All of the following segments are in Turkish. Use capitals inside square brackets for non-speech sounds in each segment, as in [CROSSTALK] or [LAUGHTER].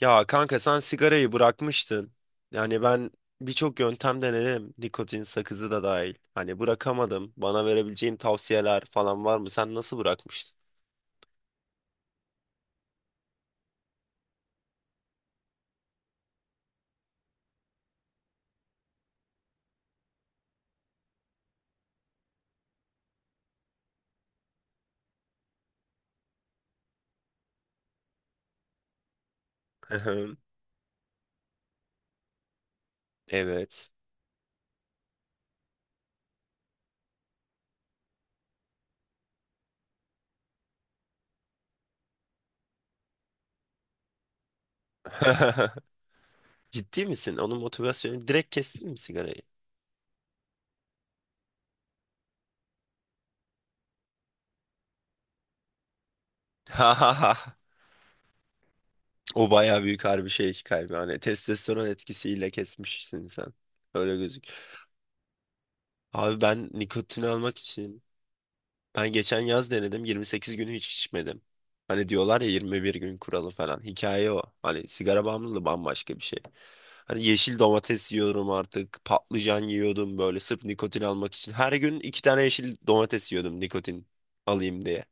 Ya kanka sen sigarayı bırakmıştın. Yani ben birçok yöntem denedim. Nikotin sakızı da dahil. Hani bırakamadım. Bana verebileceğin tavsiyeler falan var mı? Sen nasıl bırakmıştın? [LAUGHS] Evet. [LAUGHS] Ciddi misin? Onun motivasyonu direkt kestin mi sigarayı? [LAUGHS] O baya büyük harbi şey kaybı. Hani testosteron etkisiyle kesmişsin sen. Öyle gözük. Abi ben nikotin almak için ben geçen yaz denedim, 28 günü hiç içmedim. Hani diyorlar ya, 21 gün kuralı falan. Hikaye o. Hani sigara bağımlılığı bambaşka bir şey. Hani yeşil domates yiyorum artık. Patlıcan yiyordum böyle sırf nikotin almak için. Her gün iki tane yeşil domates yiyordum nikotin alayım diye.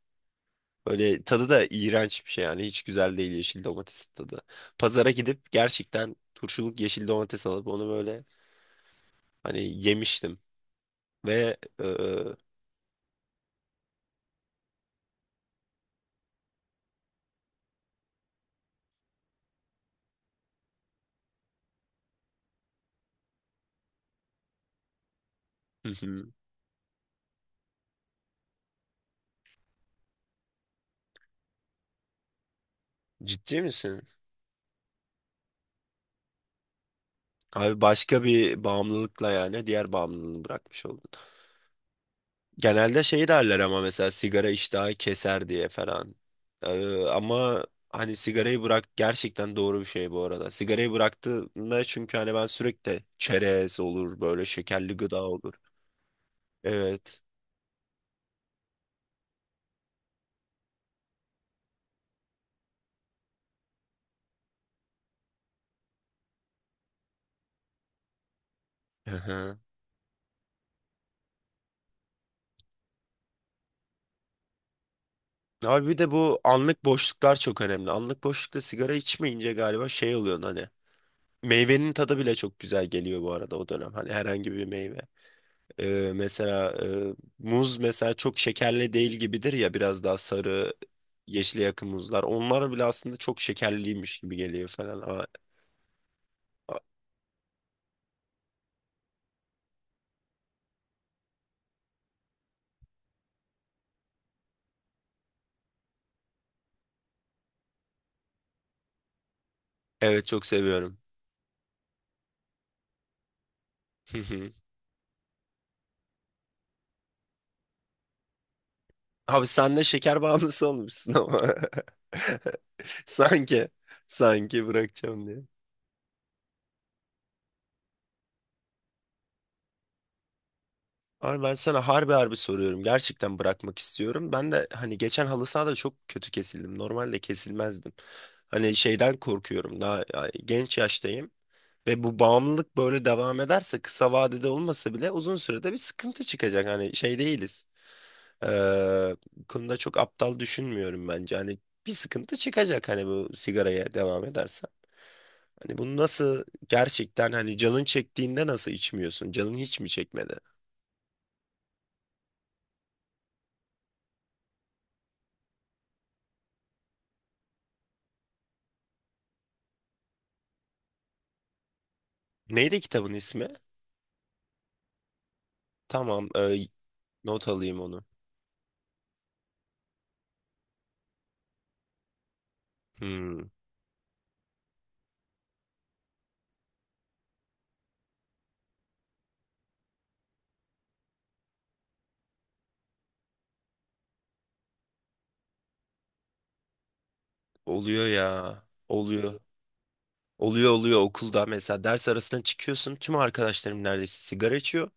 Böyle tadı da iğrenç bir şey yani. Hiç güzel değil yeşil domatesin tadı. Pazara gidip gerçekten turşuluk yeşil domates alıp onu böyle hani yemiştim. Ve hı hı. Ciddi misin? Abi başka bir bağımlılıkla yani diğer bağımlılığını bırakmış oldun. Genelde şey derler ama, mesela sigara iştahı keser diye falan. Ama hani sigarayı bırak gerçekten doğru bir şey bu arada. Sigarayı bıraktığımda çünkü hani ben sürekli çerez olur böyle, şekerli gıda olur. Evet. Hı hı. Abi bir de bu anlık boşluklar çok önemli. Anlık boşlukta sigara içmeyince galiba şey oluyor hani. Meyvenin tadı bile çok güzel geliyor bu arada o dönem. Hani herhangi bir meyve. Mesela muz mesela çok şekerli değil gibidir ya, biraz daha sarı yeşile yakın muzlar. Onlar bile aslında çok şekerliymiş gibi geliyor falan. A- evet, çok seviyorum. Hı hı. Abi sen de şeker bağımlısı olmuşsun ama. [LAUGHS] Sanki sanki bırakacağım diye. Abi ben sana harbi harbi soruyorum. Gerçekten bırakmak istiyorum. Ben de hani geçen halı sahada çok kötü kesildim. Normalde kesilmezdim. Hani şeyden korkuyorum. Daha yani genç yaştayım. Ve bu bağımlılık böyle devam ederse kısa vadede olmasa bile uzun sürede bir sıkıntı çıkacak. Hani şey değiliz. Ee, Bu konuda çok aptal düşünmüyorum bence. Hani bir sıkıntı çıkacak hani bu sigaraya devam edersen. Hani bunu nasıl gerçekten hani canın çektiğinde nasıl içmiyorsun? Canın hiç mi çekmedi? Neydi kitabın ismi? Tamam, not alayım onu. Hmm, oluyor ya. Oluyor. Oluyor oluyor, okulda mesela ders arasına çıkıyorsun, tüm arkadaşlarım neredeyse sigara içiyor.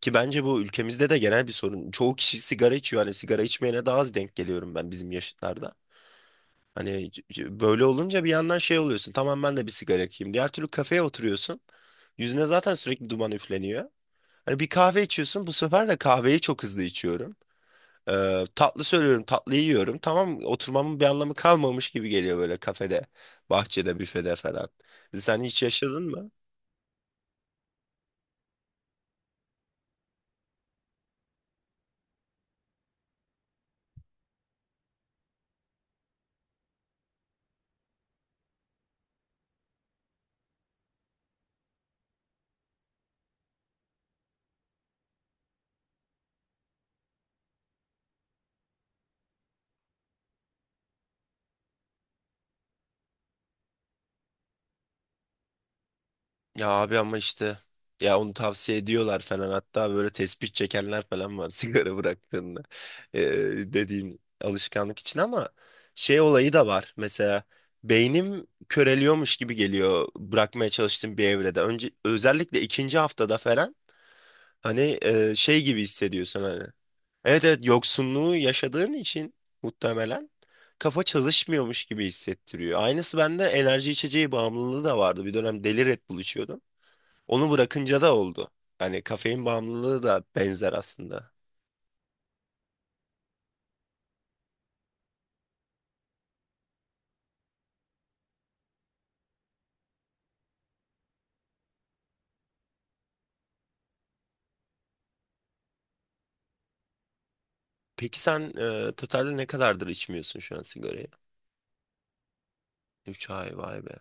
Ki bence bu ülkemizde de genel bir sorun. Çoğu kişi sigara içiyor. Hani sigara içmeyene daha az denk geliyorum ben bizim yaşıtlarda. Hani böyle olunca bir yandan şey oluyorsun. Tamam ben de bir sigara yakayım. Diğer türlü kafeye oturuyorsun. Yüzüne zaten sürekli duman üfleniyor. Hani bir kahve içiyorsun. Bu sefer de kahveyi çok hızlı içiyorum. Tatlı söylüyorum, tatlı yiyorum. Tamam, oturmamın bir anlamı kalmamış gibi geliyor böyle kafede, bahçede, büfede falan. Sen hiç yaşadın mı? Ya abi ama işte, ya onu tavsiye ediyorlar falan, hatta böyle tespih çekenler falan var [LAUGHS] sigara bıraktığında. Ee, Dediğin alışkanlık için ama şey olayı da var mesela, beynim köreliyormuş gibi geliyor bırakmaya çalıştığım bir evrede, önce özellikle ikinci haftada falan. Hani şey gibi hissediyorsun hani. Evet evet, yoksunluğu yaşadığın için muhtemelen kafa çalışmıyormuş gibi hissettiriyor. Aynısı bende enerji içeceği bağımlılığı da vardı, bir dönem deli Red Bull içiyordum. Onu bırakınca da oldu. Yani kafein bağımlılığı da benzer aslında. Peki sen totalde ne kadardır içmiyorsun şu an sigarayı? 3 ay, vay be.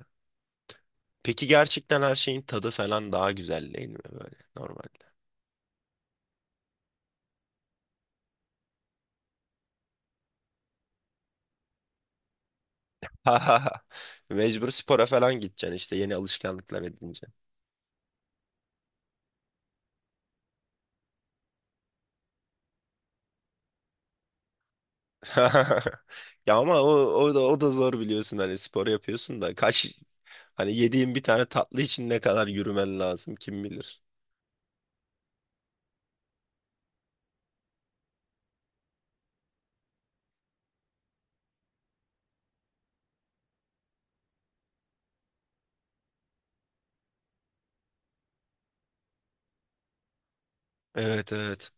Peki gerçekten her şeyin tadı falan daha güzel değil mi böyle normalde? [LAUGHS] Mecbur spora falan gideceksin işte yeni alışkanlıklar edince. [LAUGHS] Ya ama o da zor biliyorsun, hani spor yapıyorsun da kaç hani yediğin bir tane tatlı için ne kadar yürümen lazım kim bilir. Evet evet.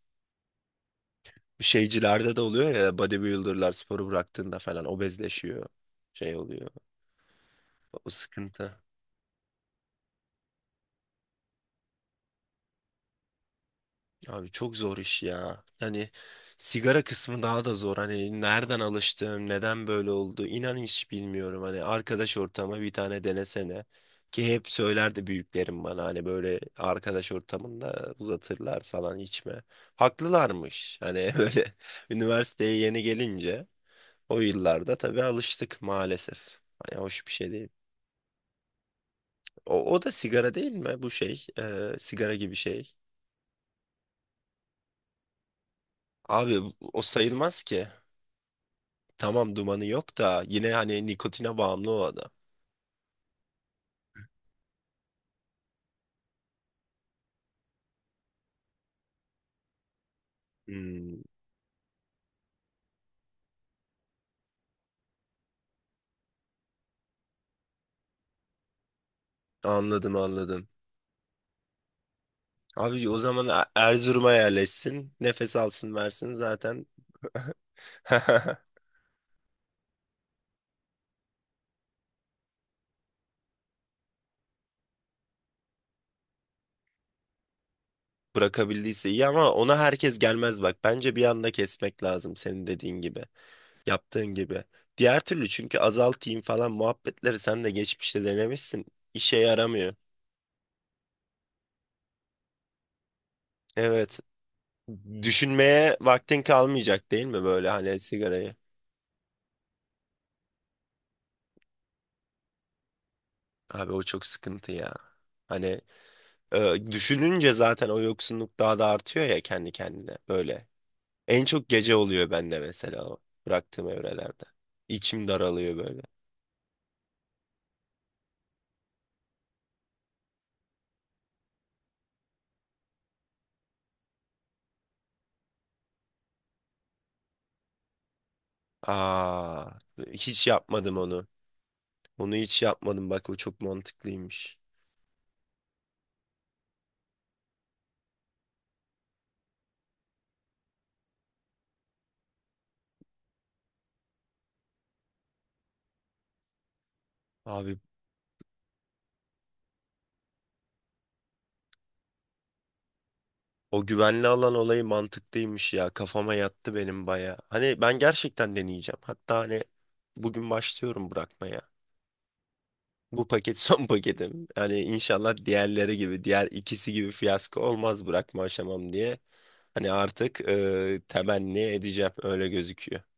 Şeycilerde de oluyor ya, bodybuilderlar sporu bıraktığında falan obezleşiyor. Şey oluyor. O sıkıntı. Abi çok zor iş ya. Hani sigara kısmı daha da zor. Hani nereden alıştım, neden böyle oldu, inan hiç bilmiyorum. Hani arkadaş ortamı bir tane denesene. Ki hep söylerdi büyüklerim bana, hani böyle arkadaş ortamında uzatırlar falan, içme. Haklılarmış. Hani [LAUGHS] böyle üniversiteye yeni gelince o yıllarda tabii alıştık maalesef. Hani hoş bir şey değil. O, o da sigara değil mi? Bu şey, sigara gibi şey. Abi o sayılmaz ki. Tamam dumanı yok da yine hani nikotine bağımlı o adam. Hmm, anladım anladım. Abi o zaman Erzurum'a yerleşsin, nefes alsın versin zaten. [LAUGHS] Bırakabildiyse iyi ama ona herkes gelmez bak. Bence bir anda kesmek lazım, senin dediğin gibi, yaptığın gibi. Diğer türlü çünkü azaltayım falan muhabbetleri sen de geçmişte denemişsin. İşe yaramıyor. Evet, düşünmeye vaktin kalmayacak değil mi böyle hani sigarayı? Abi o çok sıkıntı ya. Hani düşününce zaten o yoksunluk daha da artıyor ya kendi kendine böyle. En çok gece oluyor bende mesela o bıraktığım evrelerde. İçim daralıyor böyle. Aa, hiç yapmadım onu. Onu hiç yapmadım bak, o çok mantıklıymış. Abi o güvenli alan olayı mantıklıymış ya. Kafama yattı benim baya. Hani ben gerçekten deneyeceğim. Hatta hani bugün başlıyorum bırakmaya. Bu paket [LAUGHS] son paketim. Hani inşallah diğerleri gibi, diğer ikisi gibi fiyasko olmaz bırakma aşamam diye. Hani artık temenni edeceğim, öyle gözüküyor.